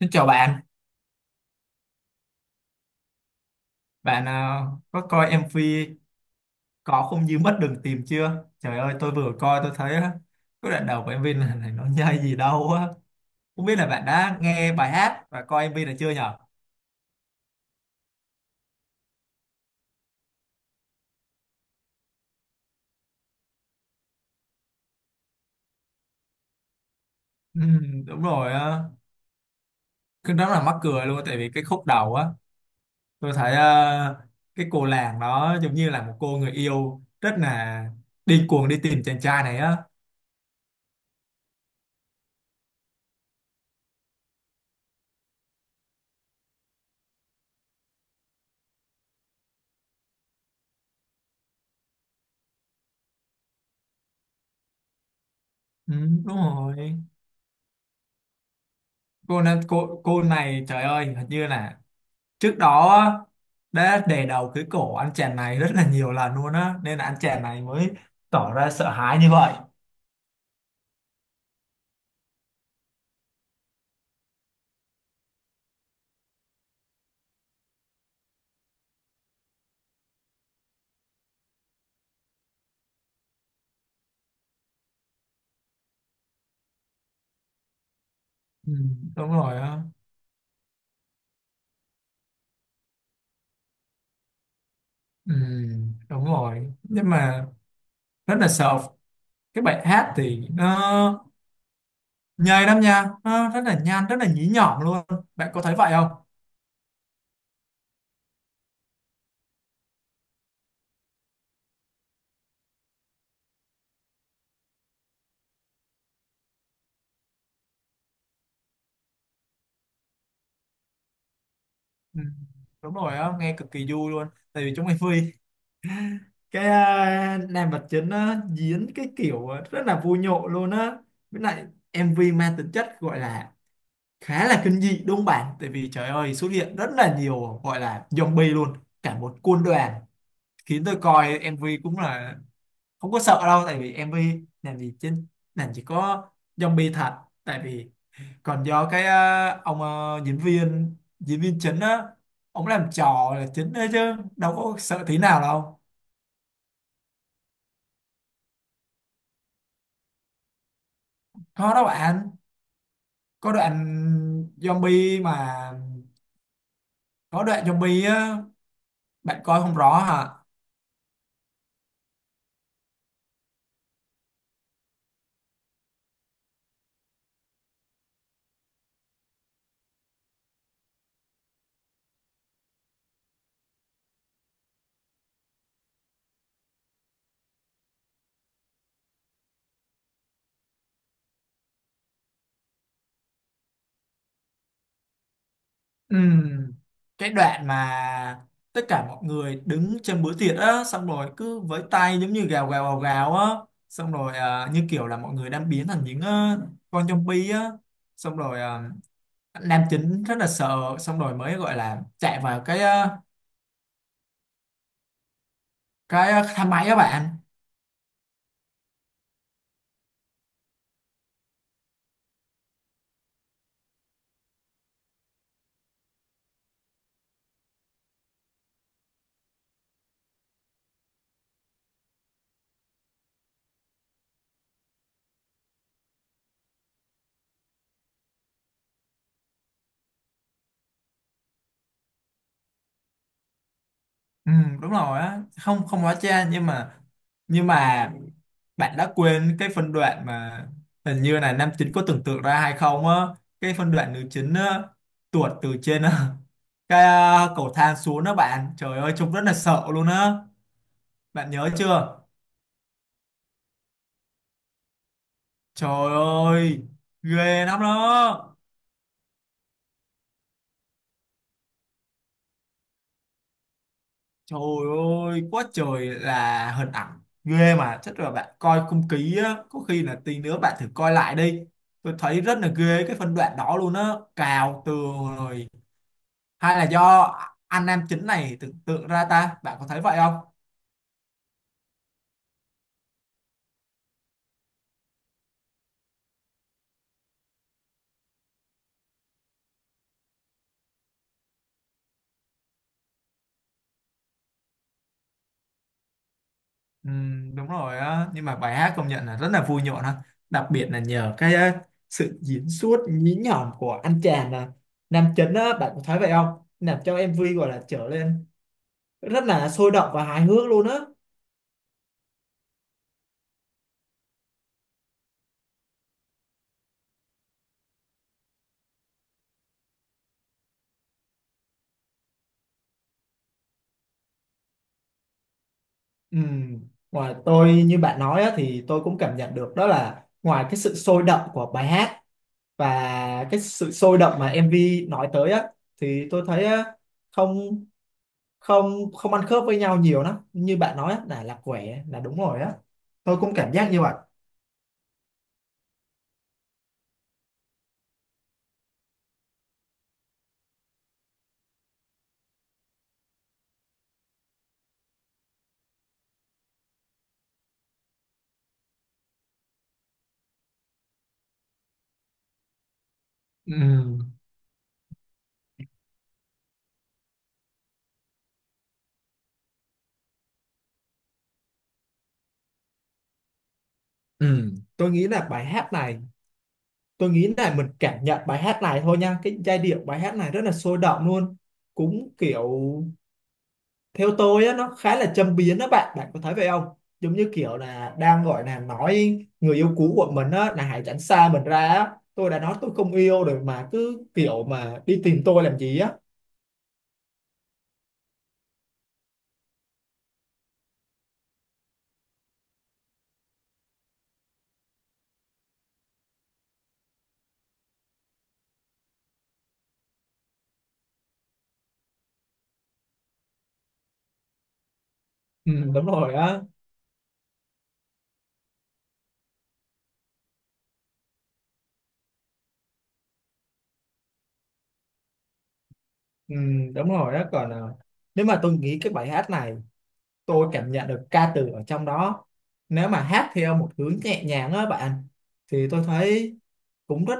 Xin chào bạn, bạn à, có coi MV Có Không Như Mất Đường Tìm chưa? Trời ơi, tôi vừa coi tôi thấy á, cái đoạn đầu của MV này nó nhây gì đâu á. Không biết là bạn đã nghe bài hát và coi MV này chưa nhở? Ừ, đúng rồi, á. Cái đó là mắc cười luôn tại vì cái khúc đầu á, tôi thấy à, cái cô làng đó giống như là một cô người yêu rất là điên cuồng đi tìm chàng trai này á. Ừ, đúng rồi. Cô này trời ơi, hình như là trước đó đã đè đầu cái cổ anh chàng này rất là nhiều lần luôn á, nên là anh chàng này mới tỏ ra sợ hãi như vậy. Ừ, đúng rồi á. Ừ, đúng rồi, nhưng mà rất là sợ. Cái bài hát thì nó nhây lắm nha, nó rất là nhanh, rất là nhí nhỏm luôn, bạn có thấy vậy không? Ừ, đúng rồi á, nghe cực kỳ vui luôn. Tại vì trong MV cái nam vật chính á diễn cái kiểu rất là vui nhộn luôn á. Với lại MV mang tính chất gọi là khá là kinh dị, đúng không bạn? Tại vì trời ơi xuất hiện rất là nhiều gọi là zombie luôn, cả một quân đoàn, khiến tôi coi MV cũng là không có sợ đâu. Tại vì MV làm gì trên làm chỉ có zombie thật, tại vì còn do cái ông diễn viên chính á, ông làm trò là chính đấy chứ đâu có sợ tí nào đâu. Có đâu bạn, có đoạn zombie mà, có đoạn zombie á, bạn coi không rõ hả? Ừm, cái đoạn mà tất cả mọi người đứng trên bữa tiệc á, xong rồi cứ với tay giống như gào gào gào gào á, xong rồi như kiểu là mọi người đang biến thành những con zombie á, xong rồi nam chính rất là sợ, xong rồi mới gọi là chạy vào cái cái thang máy á bạn. Ừ, đúng rồi á, không không hóa trang, nhưng mà nhưng mà bạn đã quên cái phân đoạn mà hình như là nam chính có tưởng tượng ra hay không á? Cái phân đoạn nữ chính á, tuột từ trên á, cái cầu thang xuống đó bạn, trời ơi trông rất là sợ luôn á, bạn nhớ chưa? Trời ơi ghê lắm đó. Trời ơi, quá trời là hình ảnh ghê mà chắc là bạn coi không kỹ á, có khi là tí nữa bạn thử coi lại đi. Tôi thấy rất là ghê cái phân đoạn đó luôn á, cào tường rồi hay là do anh nam chính này tưởng tượng ra ta, bạn có thấy vậy không? Ừ, đúng rồi á, nhưng mà bài hát công nhận là rất là vui nhộn ha, đặc biệt là nhờ cái sự diễn xuất nhí nhọn của anh chàng là nam chính á, bạn có thấy vậy không? Làm cho MV gọi là trở lên rất là sôi động và hài hước luôn á. Ừ. Ngoài tôi như bạn nói á, thì tôi cũng cảm nhận được đó là ngoài cái sự sôi động của bài hát và cái sự sôi động mà MV nói tới á, thì tôi thấy á, không không không ăn khớp với nhau nhiều lắm, như bạn nói á, là quẻ là đúng rồi á, tôi cũng cảm giác như vậy. Ừ. Ừ, tôi nghĩ là bài hát này, tôi nghĩ là mình cảm nhận bài hát này thôi nha, cái giai điệu bài hát này rất là sôi động luôn, cũng kiểu theo tôi á nó khá là châm biếm đó bạn, bạn có thấy vậy không? Giống như kiểu là đang gọi là nói người yêu cũ của mình á là hãy tránh xa mình ra á, tôi đã nói tôi không yêu rồi mà cứ kiểu mà đi tìm tôi làm gì á. Ừ, đúng rồi á. Ừ, đúng rồi á, còn nếu mà tôi nghĩ cái bài hát này, tôi cảm nhận được ca từ ở trong đó, nếu mà hát theo một hướng nhẹ nhàng á bạn, thì tôi thấy cũng rất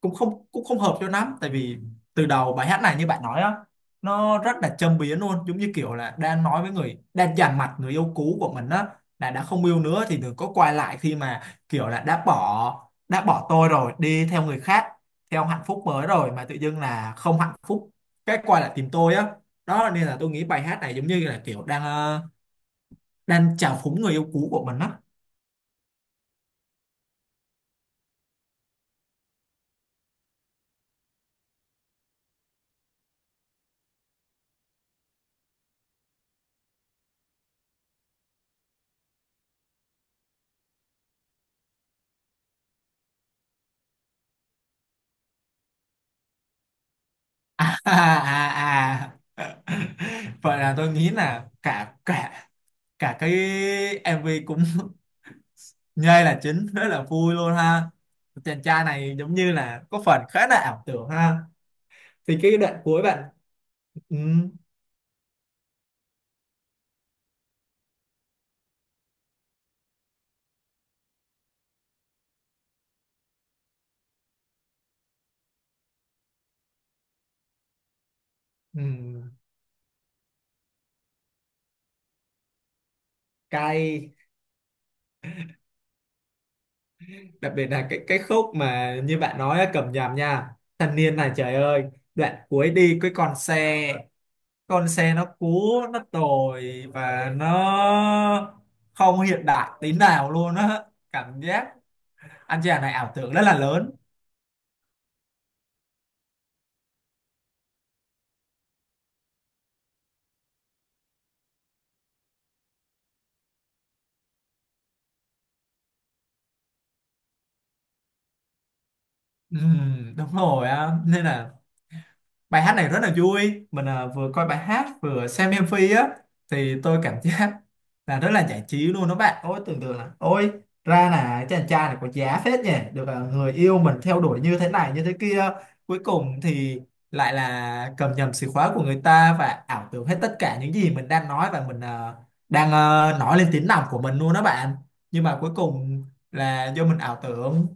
cũng không hợp cho lắm. Tại vì từ đầu bài hát này như bạn nói á, nó rất là châm biếm luôn, giống như kiểu là đang nói với người đang dằn mặt người yêu cũ của mình á, là đã không yêu nữa thì đừng có quay lại, khi mà kiểu là đã bỏ tôi rồi đi theo người khác, theo hạnh phúc mới rồi mà tự dưng là không hạnh phúc cái quay lại tìm tôi á. Đó nên là tôi nghĩ bài hát này giống như là kiểu đang đang chà phúng người yêu cũ của mình á. À. Vậy là tôi nghĩ là cả cả cả cái MV cũng nhây là chính, rất là vui luôn ha, chàng trai này giống như là có phần khá là ảo tưởng ha. Thì cái đoạn cuối bạn ừ, ừ, cay. Đặc biệt là cái khúc mà như bạn nói á, cầm nhầm nha, thanh niên này trời ơi đoạn cuối đi cái con xe, con xe nó cũ nó tồi và nó không hiện đại tí nào luôn á. Cảm giác anh chàng này ảo tưởng rất là lớn. Đúng rồi á, nên là bài hát này rất là vui, mình vừa coi bài hát vừa xem em MV á, thì tôi cảm giác là rất là giải trí luôn đó bạn. Ôi tưởng tượng là ôi ra là chàng trai này có giá phết nhỉ, được người yêu mình theo đuổi như thế này như thế kia, cuối cùng thì lại là cầm nhầm chìa khóa của người ta và ảo tưởng hết tất cả những gì mình đang nói và mình đang nói lên tiếng lòng của mình luôn đó bạn. Nhưng mà cuối cùng là do mình ảo tưởng.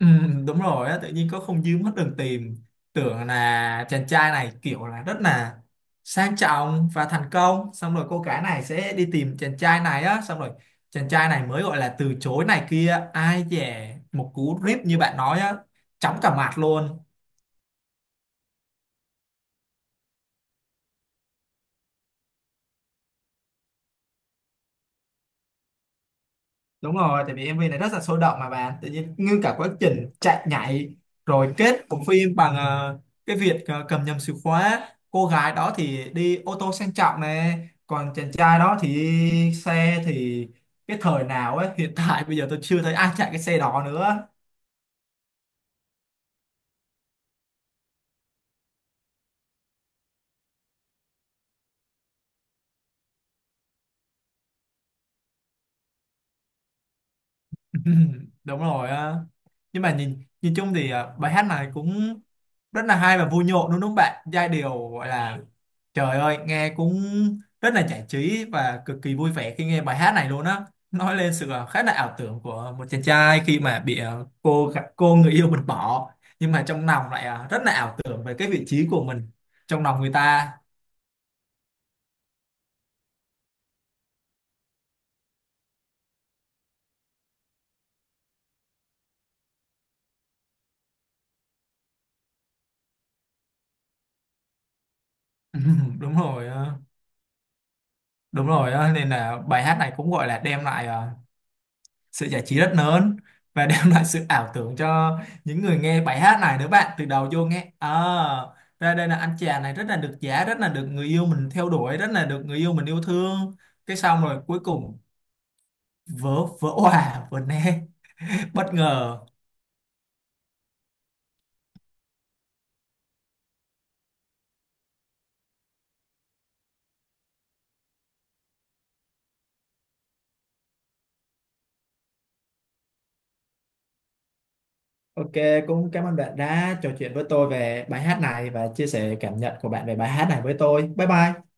Ừ, đúng rồi á, tự nhiên có không dư mất đường tìm, tưởng là chàng trai này kiểu là rất là sang trọng và thành công, xong rồi cô gái này sẽ đi tìm chàng trai này á, xong rồi chàng trai này mới gọi là từ chối này kia, ai dè một cú rip như bạn nói á, chóng cả mặt luôn. Đúng rồi, tại vì em MV này rất là sôi động mà bạn, tự nhiên ngưng cả quá trình chạy nhảy rồi kết của phim bằng cái việc cầm nhầm chìa khóa. Cô gái đó thì đi ô tô sang trọng này, còn chàng trai đó thì đi xe thì cái thời nào ấy, hiện tại bây giờ tôi chưa thấy ai chạy cái xe đó nữa. Đúng rồi á, nhưng mà nhìn nhìn chung thì bài hát này cũng rất là hay và vui nhộn đúng không bạn? Giai điệu gọi là trời ơi nghe cũng rất là giải trí và cực kỳ vui vẻ khi nghe bài hát này luôn á, nói lên sự khá là ảo tưởng của một chàng trai khi mà bị cô gặp cô người yêu mình bỏ, nhưng mà trong lòng lại rất là ảo tưởng về cái vị trí của mình trong lòng người ta. Đúng rồi á. Đúng rồi á, nên là bài hát này cũng gọi là đem lại sự giải trí rất lớn và đem lại sự ảo tưởng cho những người nghe bài hát này nữa bạn. Từ đầu vô nghe ra đây là anh chàng này rất là được giá, rất là được người yêu mình theo đuổi, rất là được người yêu mình yêu thương, cái xong rồi cuối cùng vỡ vỡ òa vỡ nè, bất ngờ. Ok, cũng cảm ơn bạn đã trò chuyện với tôi về bài hát này và chia sẻ cảm nhận của bạn về bài hát này với tôi. Bye bye.